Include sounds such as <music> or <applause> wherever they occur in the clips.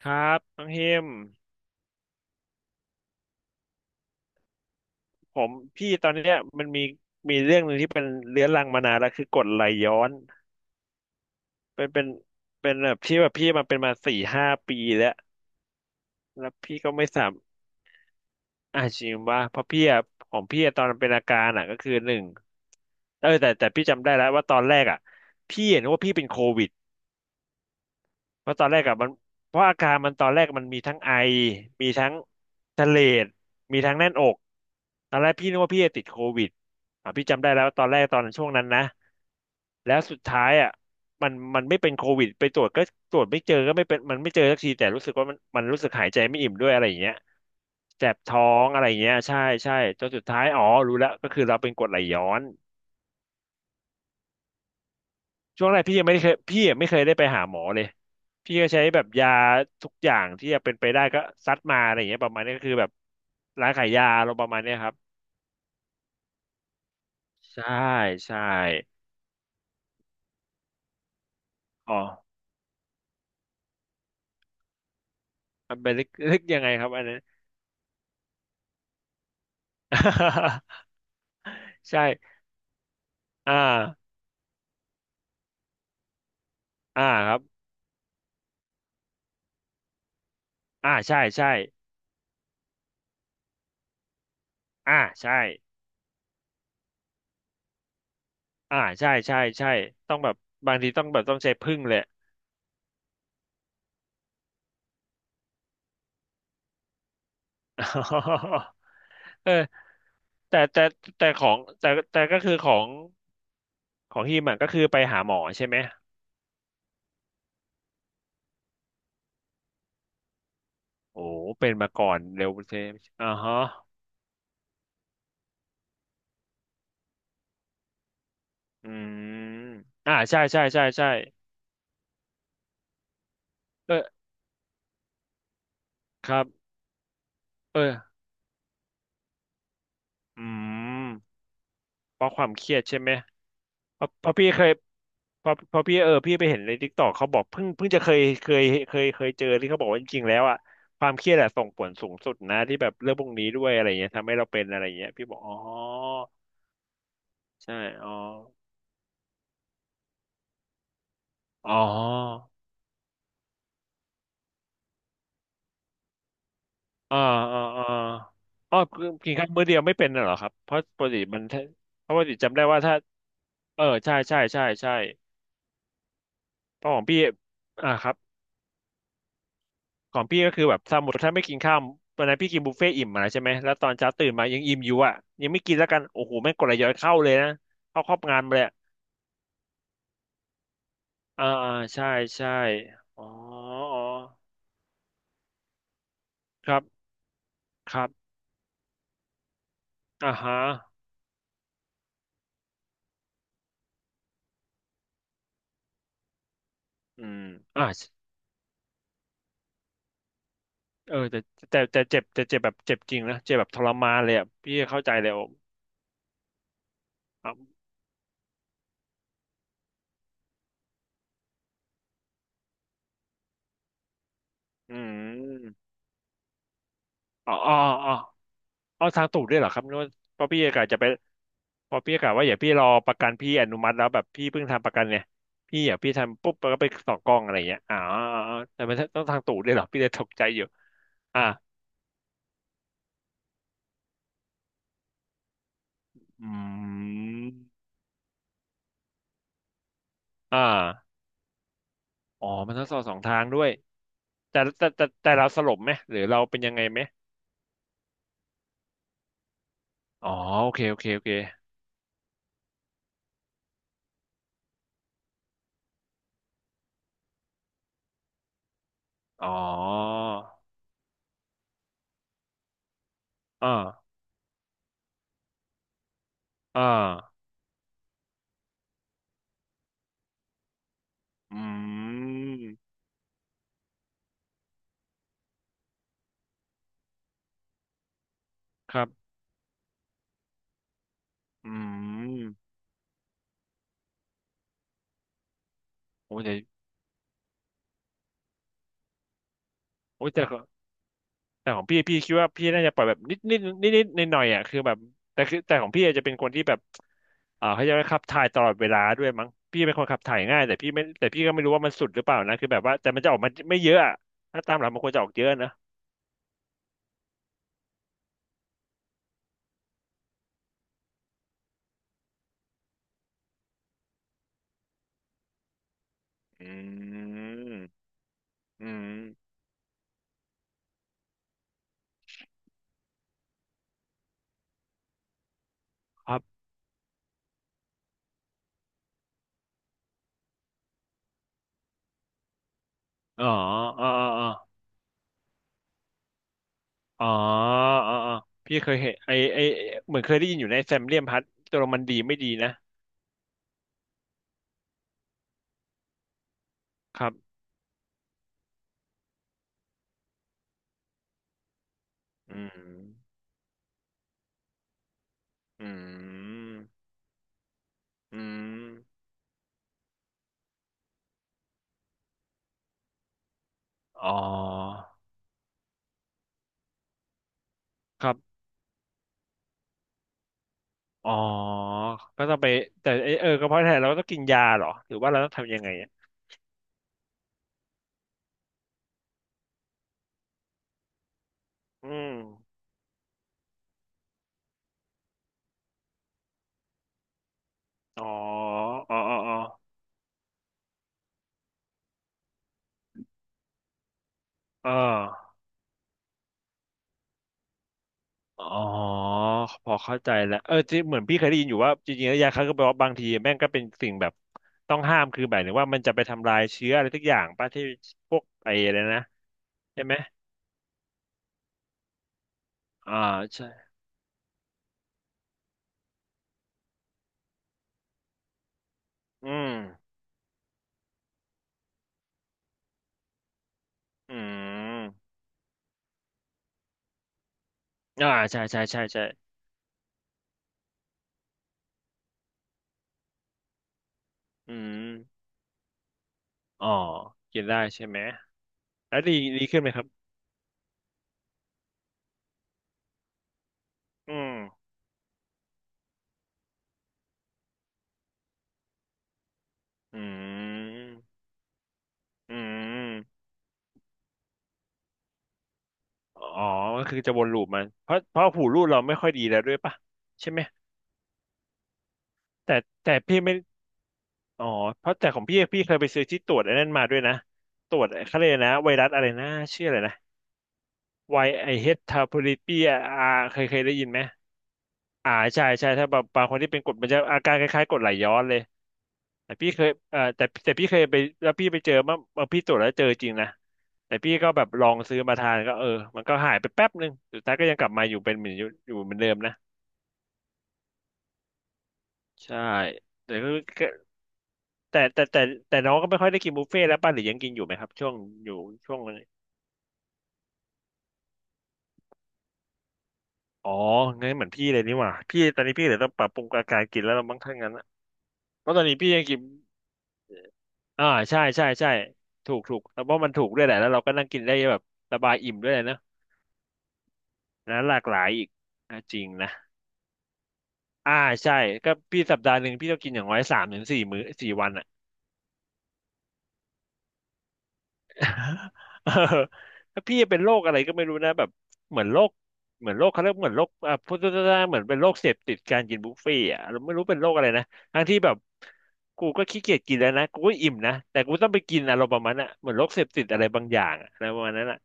ครับน้องเฮมผมพี่ตอนเนี้ยมันมีเรื่องหนึ่งที่เป็นเรื้อรังมานานแล้วคือกรดไหลย้อนเป็นเป็นเป็นแบบที่แบบพี่มาเป็นมาสี่ห้าปีแล้วแล้วพี่ก็ไม่สามอาจจริงว่าเพราะพี่อะของพี่อะตอนเป็นอาการอ่ะก็คือหนึ่งแต่พี่จำได้แล้วว่าตอนแรกอ่ะพี่เห็นว่าพี่เป็นโควิด เพราะตอนแรกอะมันเพราะอาการมันตอนแรกมันมีทั้งไอมีทั้งทะเลดมีทั้งแน่นอกตอนแรกพี่นึกว่าพี่จะติดโควิดอ่ะพี่จำได้แล้วตอนแรกตอนช่วงนั้นนะแล้วสุดท้ายอะมันไม่เป็นโควิดไปตรวจก็ตรวจไม่เจอก็ไม่เป็นมันไม่เจอสักทีแต่รู้สึกว่ามันรู้สึกหายใจไม่อิ่มด้วยอะไรอย่างเงี้ยแสบท้องอะไรอย่างเงี้ยใช่ใช่จนสุดท้ายอ๋อรู้แล้วก็คือเราเป็นกรดไหลย้อน ช่วงแรกพี่ยังไม่เคยได้ไปหาหมอเลยพี่ก็ใช้แบบยาทุกอย่างที่จะเป็นไปได้ก็ซัดมาอะไรอย่างเงี้ยประมาณนี้ก็คือแบบร้านขายยาเราประมาณเนี้ยครับใช่ใช่อ๋อมันเป็นลึกยังไงครับอันนั้น <laughs> ใช่อ่าอ่าครับอ่าใช่ใช่อ่าใช่อ่าใช่ใช่ใช่ต้องแบบบางทีต้องใช้พึ่งเลย <laughs> เออแต่แต่แต่ก็คือของของฮิมอ่ะก็คือไปหาหมอใช่ไหม โอ้เป็นมาก่อนเร็วเทมอ่าฮะอืมอ่าใช่ใช่ใช่ใช่เออครับเอออืมเพราะความเครียดใช่ไหมเพราะเพราะพี่เคยเพราะพี่พี่ไปเห็นในทิกตอกเขาบอกเพิ่งเพิ่งจะเคยเจอที่เขาบอกว่าจริงๆแล้วอ่ะความเครียดอะส่งผลสูงสุดนะที่แบบเรื่องพวกนี้ด้วยอะไรเงี้ยทำให้เราเป็นอะไรเงี้ยพี่บอกอ๋อใช่อ๋ออ๋อ อ่าอ่าอ่าอ๋อคือกินข้าวมื้อเดียวไม่เป็นน่ะเหรอครับเพราะปกติมันถ้าเพราะปกติจำได้ว่าถ้าเออใช่ใช่ใช่ใช่เพราะของพี่อ่าครับของพี่ก็คือแบบสมมติถ้าไม่กินข้าววันนั้นพี่กินบุฟเฟ่ต์อิ่มมาใช่ไหมแล้วตอนเช้าตื่นมายังอิ่มอยู่อ่ะยังไม่กินแล้วกันโอ้โหแม่งกดไหลย้อนเข้าเลยนะเข้าครอบงานมาเลยอะอ่าอ่าใช่ใช่อ๋ออ๋อครับครับอ่าฮะอืมอ่าเออแต่เจ็บแบบเจ็บจริงนะเจ็บแบบทรมานเลยอ่ะพี่เข้าใจเลย อ๋ออืมอ๋ออ๋ออ๋อเอาทางตูดด้วยเหรอครับนึกว่าเพราะพี่กะจะไปเพอพี่กะว่าอย่าพี่รอประกันพี่อนุมัติแล้วแบบพี่เพิ่งทำประกันเนี่ยพี่อย่าพี่ทำปุ๊บแล้วก็ไปต่อกล้องอะไรอย่างเงี้ยอ๋ออ๋อแต่มันต้องทางตูดด้วยเหรอพี่เลยตกใจอยู่อ่าอืมอ่าอ๋อมันต้องสอบสองทางด้วยแต่แต่เราสลบไหมหรือเราเป็นยังไงไหมอ๋อโอเคโอเคโอเคอ๋ออ่าอ่าอืมครับอืม โอ้ยโอ้ยแต่ของแต่ของพี่พี่คิดว่าพี่น่าจะปล่อยแบบนิดนิดนิดนิดหน่อยหน่อยอ่ะคือแบบแต่ของพี่อาจจะเป็นคนที่แบบอ่าเขาจะขับถ่ายตลอดเวลาด้วยมั้งพี่เป็นคนขับถ่ายง่ายแต่พี่ไม่แต่พี่ก็ไม่รู้ว่ามันสุดหรือเปล่านะคือแบบว่าแต่มันจะออกมาไม่เยอะอะถ้าตามหลักมันควรจะออกเยอะนะอืมอืมครับอ๋ออ๋ออ๋ออ๋ออ๋ออ๋อพี่เคยเห็นไอไอเหมือนเคยได้ยินอยู่ในแซมเลียมพัดตัวมันดีไม่ดีนะครับอืมอืมอืม อ๋อครับอ๋อก็ต้องไปแต่เอกระเพาะอาหารเราก็ต้องกินยาเหรอหรือว่าเราต้องทำยังไงอะอืมอ๋ออ๋ออ๋ออ๋อเอออ๋อพอเข้าใจแล้วที่เหมือนพี่เคยได้ยินอยู่ว่าจริงๆแล้วยาฆ่าก็แปลว่าบางทีแม่งก็เป็นสิ่งแบบต้องห้าม คือแบบนึงว่ามันจะไปทำลายเชื้ออะไรทุกอย่างป่ะที่พวกไอ้อะไรนะใช่ไหมอ่าใช่อืมอืมอ่าใช่ใช่ใช่ใช่อืมอ๋อกินได้ใช่ไหมแล้วดีขึ้นไหมครับ อืมอืมอืมอ๋อก็คือจะวนลูปมันเพราะหูรูดเราไม่ค่อยดีแล้วด้วยป่ะใช่ไหมแต่แต่พี่ไม่อ๋อเพราะแต่ของพี่เคยไปซื้อที่ตรวจไอ้นั่นมาด้วยนะตรวจเขาเรียกอะไรนะไวรัสอะไรนะชื่ออะไรนะไวไอเฮทาโพลิปีอาเคยได้ยินไหม อ่าใช่ใช่ถ้าแบบบางคนที่เป็นกรดมันจะอาการคล้ายๆกรดไหลย้อนเลยแต่พี่เคยแต่พี่เคยไปแล้วพี่ไปเจอเมื่อพี่ตรวจแล้วเจอจริงนะแต่พี่ก็แบบลองซื้อมาทานก็เออมันก็หายไปแป๊บนึงสุดท้ายก็ยังกลับมาอยู่เป็นเหมือนอยู่เหมือนเดิมนะใช่แต่ก็แต่แต่แต่แต่น้องก็ไม่ค่อยได้กินบุฟเฟ่ต์แล้วป่ะหรือยังกินอยู่ไหมครับช่วงอยู่ช่วงนี้อ๋องั้นเหมือนพี่เลยนี่หว่าพี่ตอนนี้พี่เดยต้องปรับปรุงอาการกินแล้วเราบ้างถ้างั้นนะเพราะตอนนี้พี่ยังกิน อ่าใช่ใช่ใช่ถูกถูกแล้วเพราะมันถูกด้วยแหละแล้วเราก็นั่งกินได้แบบสบายอิ่มด้วยนะนะหลากหลายอีกอ่ะจริงนะอ่าใช่ก็พี่สัปดาห์หนึ่งพี่ต้องกินอย่างน้อยสามถึงสี่มื้อสี่วันอ่ะ <laughs> เออแล้วพี่เป็นโรคอะไรก็ไม่รู้นะแบบเหมือนโรคเหมือนโรคเขาเรียกเหมือนโรคอ่ะพูดง่ายๆเหมือนเป็นโรคเสพติดการกินบุฟเฟ่ต์อ่ะเราไม่รู้เป็นโรคอะไรนะทั้งที่แบบกูก็ขี้เกียจกินแล้วนะกูก็อิ่มนะแต่กูต้องไปกินอารมณ์ประมาณน่ะเหมือนโรคเสพติดอะไรบางอย่างอะอะไรประมาณนั้นอะ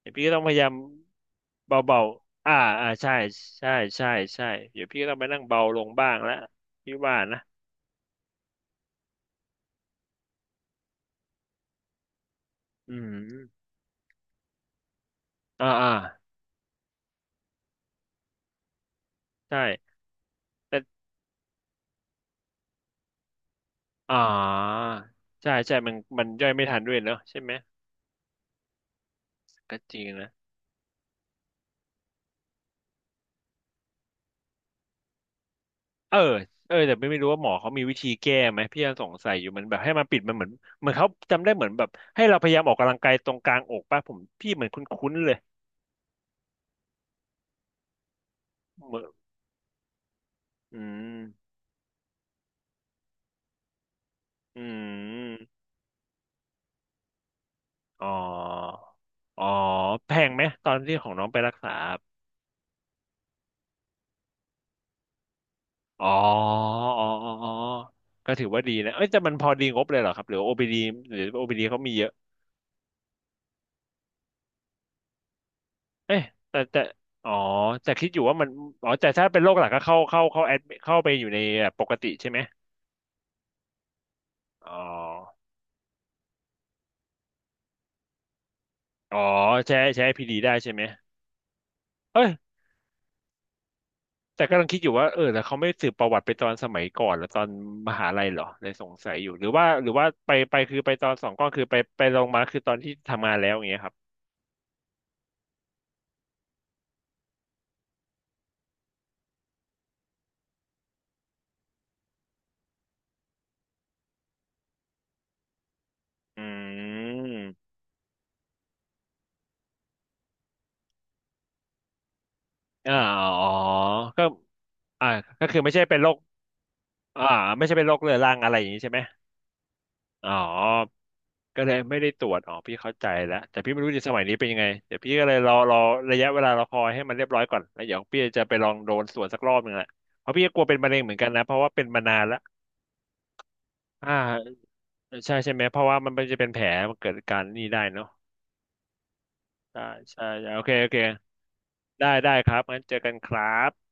เดี๋ยวพี่ก็ต้องพยายามเบาๆอ่าอ่าใช่ใช่ใช่ใช่เดี๋ยวพี่ก็ต้องไปนั่งเบาลงบ้างแล้วพี่ว่านะอืมอ่าอ่าใช่แต่อ่าใช่ ใช่มันย่อยไม่ทันด้วยเนอะใช่ไหมก็จริงนะ เออเออแต่ไม่รู้ว่าหมอเขามีวิธีแก้ไหม พี่ยังสงสัยอยู่มันแบบให้มันปิดมันเหมือนเขาจำได้เหมือนแบบให้เราพยายามออกกำลังกายตรงกลางอกป่ะผมพี่เหมือนคุ้นๆเลยเหมือนอืมอืม อ๋ออ๋อแพงไหมตอนที่ของน้องไปรักษาครับอ๋ออ๋ออ๋ออ๋อก็ถือว่าดีนะ เอ้ยแต่มันพอดีงบเลยเหรอครับหรือ OPD หรือโอพีดีเขามีเยอะเอ้ยแต่อ๋อแต่คิดอยู่ว่ามัน อ๋อแต่ถ้าเป็นโรคหลักก็เข้าแอดเข้าไปอยู่ในแบบปกติใช่ไหม อ๋ออ๋อใช้ PD ได้ใช่ไหมเอ้ย แต่กำลังคิดอยู่ว่าเออแล้วเขาไม่สืบประวัติไปตอนสมัยก่อนหรือตอนมหาลัยเหรอเลยสงสัยอยู่หรือว่าไปไปคือไปตอนสองก้อนคือไปไปลงมาคือตอนที่ทำงานแล้วอย่างเงี้ยครับอืมอ่าอ๋อก็อ่าก็คือไม่ใช่เป็นโรคอ่าไม่ใช่เป็นโรคเรื้อรังอะไรอย่างนี้ใช่ไหมอ๋อก็เลยไม่ได้ตรวจอ๋อพี่เข้าใจแล้วแต่พี่ไม่รู้ในสมัยนี้เป็นยังไงเดี๋ยวพี่ก็เลยรอระยะเวลารอคอยให้มันเรียบร้อยก่อนแล้วเดี๋ยวพี่จะไปลองโดนสวนสักรอบหนึ่งแหละเพราะพี่ก็กลัวเป็นมะเร็งเหมือนกันนะเพราะว่าเป็นมานานแล้วอ่า ใช่ใช่ไหมเพราะว่ามันไม่จะเป็นแผลมันเกิดการนี่ได้เนาะใช่ใช่ใช่โอเคโอเคได้ได้ครับงั้นเจอกันครับ